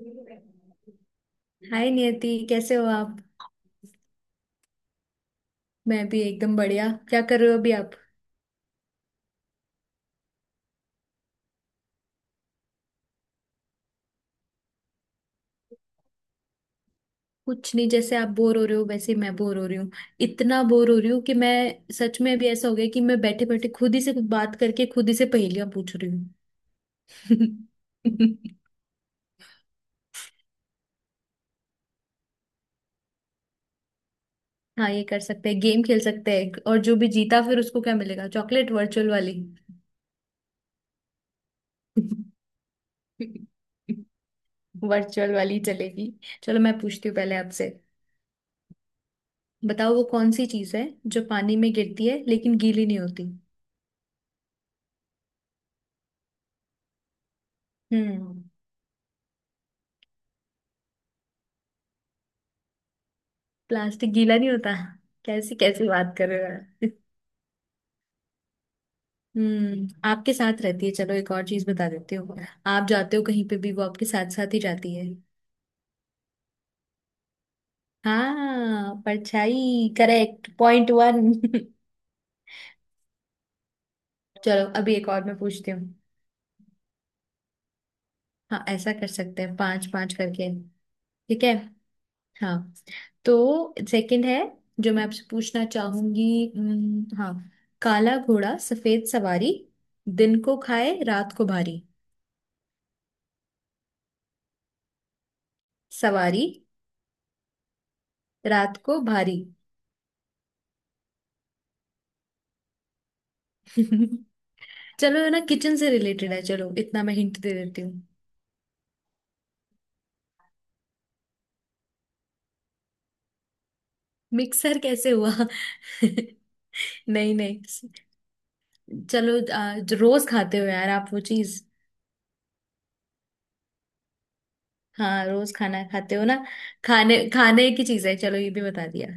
हाय। नियति कैसे हो आप? मैं भी एकदम बढ़िया। क्या कर रहे हो अभी आप? कुछ नहीं, जैसे आप बोर हो रहे हो वैसे ही मैं बोर हो रही हूँ। इतना बोर हो रही हूँ कि मैं सच में अभी ऐसा हो गया कि मैं बैठे बैठे खुद ही से कुछ बात करके खुद ही से पहेलियां पूछ रही हूँ। हाँ, ये कर सकते हैं, गेम खेल सकते हैं, और जो भी जीता फिर उसको क्या मिलेगा? चॉकलेट, वर्चुअल वाली। वर्चुअल वाली चलेगी। चलो मैं पूछती हूँ पहले आपसे। बताओ वो कौन सी चीज़ है जो पानी में गिरती है लेकिन गीली नहीं होती? हम्म। प्लास्टिक गीला नहीं होता? कैसी कैसी बात कर रहे हो यार। आपके साथ रहती है। चलो एक और चीज बता देती हूँ। आप जाते हो कहीं पे भी वो आपके साथ साथ ही जाती है। हाँ, परछाई करेक्ट, पॉइंट वन। चलो अभी एक और मैं पूछती हूँ। हाँ, ऐसा कर सकते हैं, पांच पांच करके। ठीक है। हाँ, तो सेकंड है जो मैं आपसे पूछना चाहूंगी। हाँ। काला घोड़ा सफेद सवारी, दिन को खाए रात को भारी। सवारी। रात को भारी। चलो ये ना किचन से रिलेटेड है, चलो इतना मैं हिंट दे देती हूँ। मिक्सर कैसे हुआ? नहीं नहीं। चलो जो रोज खाते हो यार आप, वो चीज। हाँ, रोज खाना खाते हो ना। खाने खाने की चीज है, चलो ये भी बता दिया।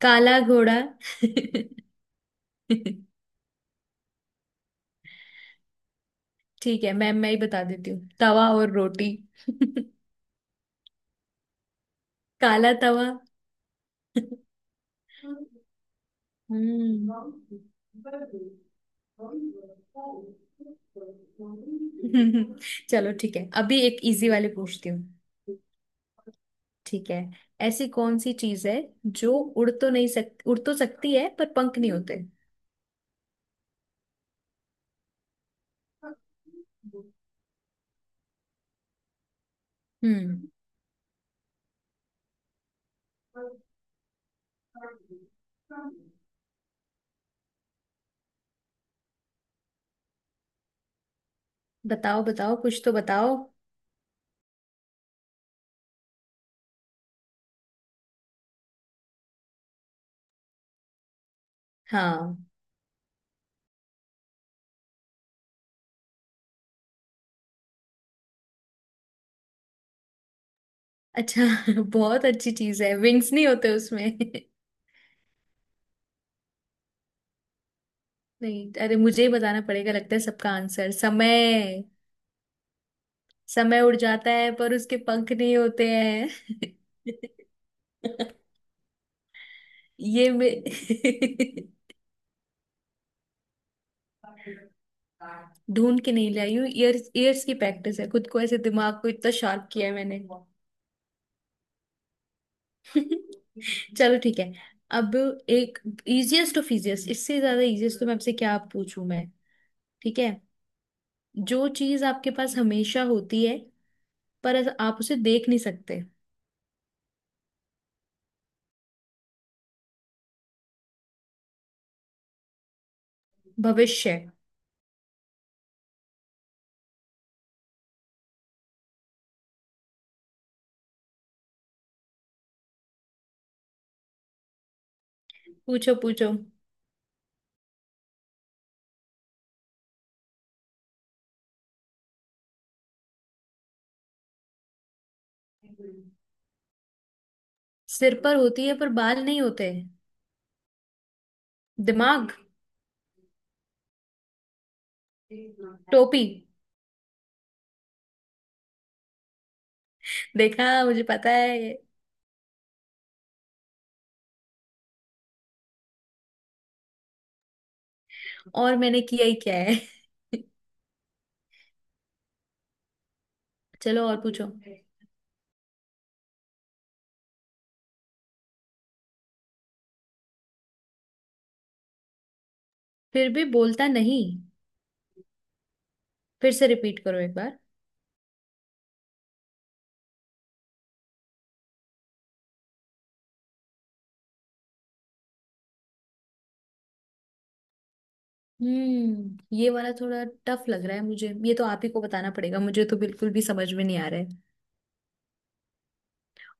काला घोड़ा। ठीक है मैं ही बता देती हूँ, तवा और रोटी। काला तवा। हम्म। चलो ठीक है, अभी एक इजी वाले पूछती हूँ। ठीक है। ऐसी कौन सी चीज है जो उड़ तो नहीं सकती, उड़ तो सकती है पर पंख नहीं होते? हम्म। बताओ बताओ, कुछ तो बताओ। हाँ। अच्छा। बहुत अच्छी चीज है, विंग्स नहीं होते उसमें। नहीं अरे, मुझे ही बताना पड़ेगा लगता है सबका आंसर। समय। समय उड़ जाता है पर उसके पंख नहीं होते हैं। ये मैं। ढूंढ के नहीं लाई हूँ, ईयर्स ईयर्स की प्रैक्टिस है, खुद को ऐसे दिमाग को इतना शार्प किया है मैंने। चलो ठीक है। अब एक इजिएस्ट ऑफ इजिएस्ट, इससे ज्यादा इजिएस्ट तो मैं आपसे क्या पूछूं मैं। ठीक है। जो चीज आपके पास हमेशा होती है पर आप उसे देख नहीं सकते? भविष्य। पूछो पूछो। सिर पर होती है पर बाल नहीं होते? दिमाग। टोपी। देखा, मुझे पता है। और मैंने किया ही क्या है। चलो और पूछो। फिर भी बोलता नहीं? फिर से रिपीट करो एक बार। हम्म, ये वाला थोड़ा टफ लग रहा है मुझे, ये तो आप ही को बताना पड़ेगा, मुझे तो बिल्कुल भी समझ में नहीं आ रहा है।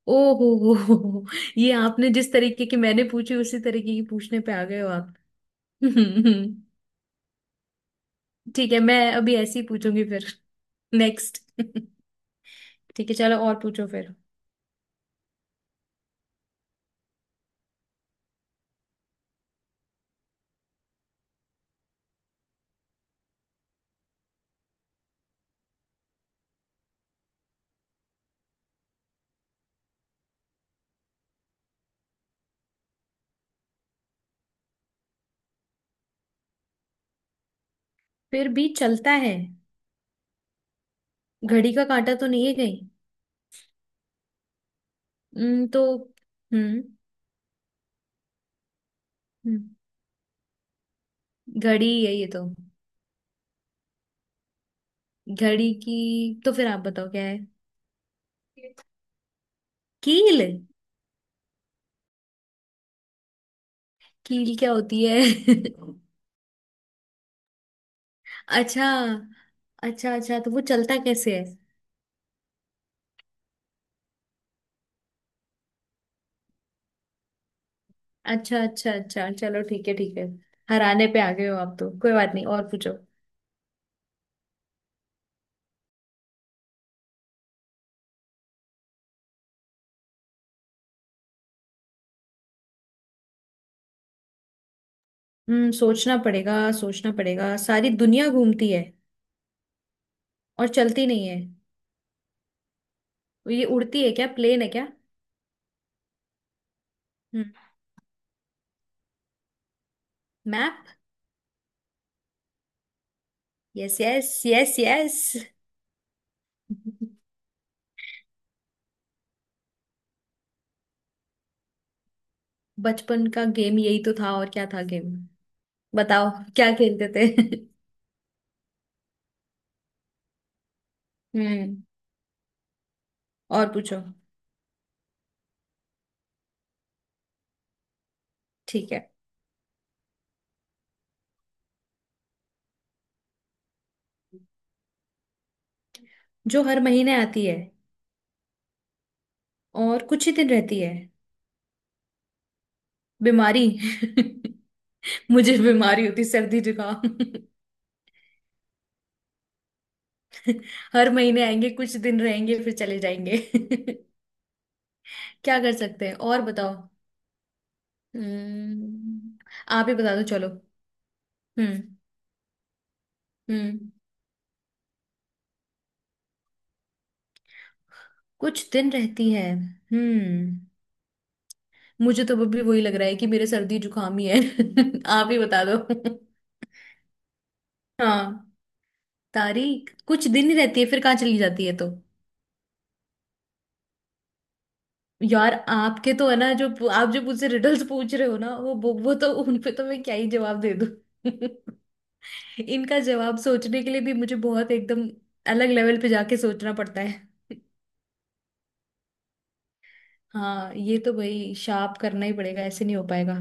ओ हो, हो। ये आपने जिस तरीके की मैंने पूछी उसी तरीके की पूछने पे आ गए हो आप। ठीक है मैं अभी ऐसे ही पूछूंगी फिर। नेक्स्ट। ठीक है चलो और पूछो फिर। फिर भी चलता है? घड़ी का कांटा तो नहीं है कहीं? तो। हम्म। हम्म, घड़ी है ये तो। घड़ी की तो फिर आप बताओ क्या है? कील? कील क्या होती है? अच्छा। अच्छा अच्छा, तो वो चलता कैसे है? अच्छा अच्छा अच्छा, चलो ठीक है ठीक है। हराने पे आ गए हो आप तो, कोई बात नहीं, और पूछो। सोचना पड़ेगा, सोचना पड़ेगा, सारी दुनिया घूमती है और चलती नहीं है? ये उड़ती है क्या, प्लेन है क्या? Map. Yes yes yes yes. बचपन का गेम यही तो था, और क्या था गेम? बताओ, क्या खेलते थे? हम्म। और पूछो। ठीक है। जो हर महीने आती है और कुछ ही दिन रहती है? बीमारी। मुझे बीमारी होती, सर्दी जुकाम। हर महीने आएंगे, कुछ दिन रहेंगे, फिर चले जाएंगे। क्या कर सकते हैं, और बताओ। हम्म। आप ही बता दो चलो। हम्म। हम्म, कुछ दिन रहती है हम्म। मुझे तो अभी वही लग रहा है कि मेरे सर्दी जुकाम ही है, आप ही बता दो। हाँ। तारीख कुछ दिन ही रहती है, फिर कहाँ चली जाती है तो? यार आपके तो है ना, जो आप जो मुझसे रिडल्स पूछ रहे हो ना, वो तो उन पे तो मैं क्या ही जवाब दे दूँ। इनका जवाब सोचने के लिए भी मुझे बहुत एकदम अलग लेवल पे जाके सोचना पड़ता है। हाँ, ये तो भाई शार्प करना ही पड़ेगा, ऐसे नहीं हो पाएगा।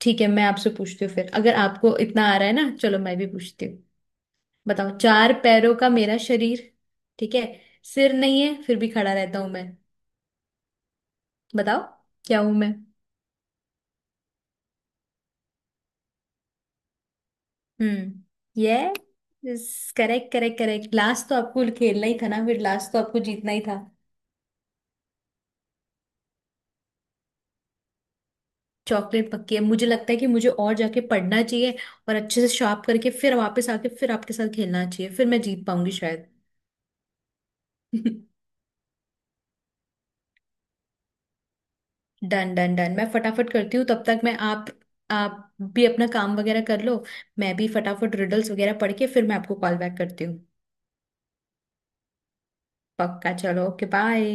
ठीक है मैं आपसे पूछती हूँ फिर, अगर आपको इतना आ रहा है ना, चलो मैं भी पूछती हूँ। बताओ, चार पैरों का मेरा शरीर, ठीक है, सिर नहीं है फिर भी खड़ा रहता हूं मैं। बताओ क्या हूं मैं? हम्म। ये करेक्ट करेक्ट करेक्ट, लास्ट तो आपको खेलना ही था ना, फिर लास्ट तो आपको जीतना ही था। चॉकलेट पक्की है। मुझे लगता है कि मुझे और जाके पढ़ना चाहिए, और अच्छे से शार्प करके फिर वापस आके फिर आपके साथ खेलना चाहिए, फिर मैं जीत पाऊंगी शायद। डन डन डन, मैं फटाफट करती हूँ, तब तक मैं आप भी अपना काम वगैरह कर लो। मैं भी फटाफट रिडल्स वगैरह पढ़ के फिर मैं आपको कॉल बैक करती हूँ। पक्का चलो, ओके बाय।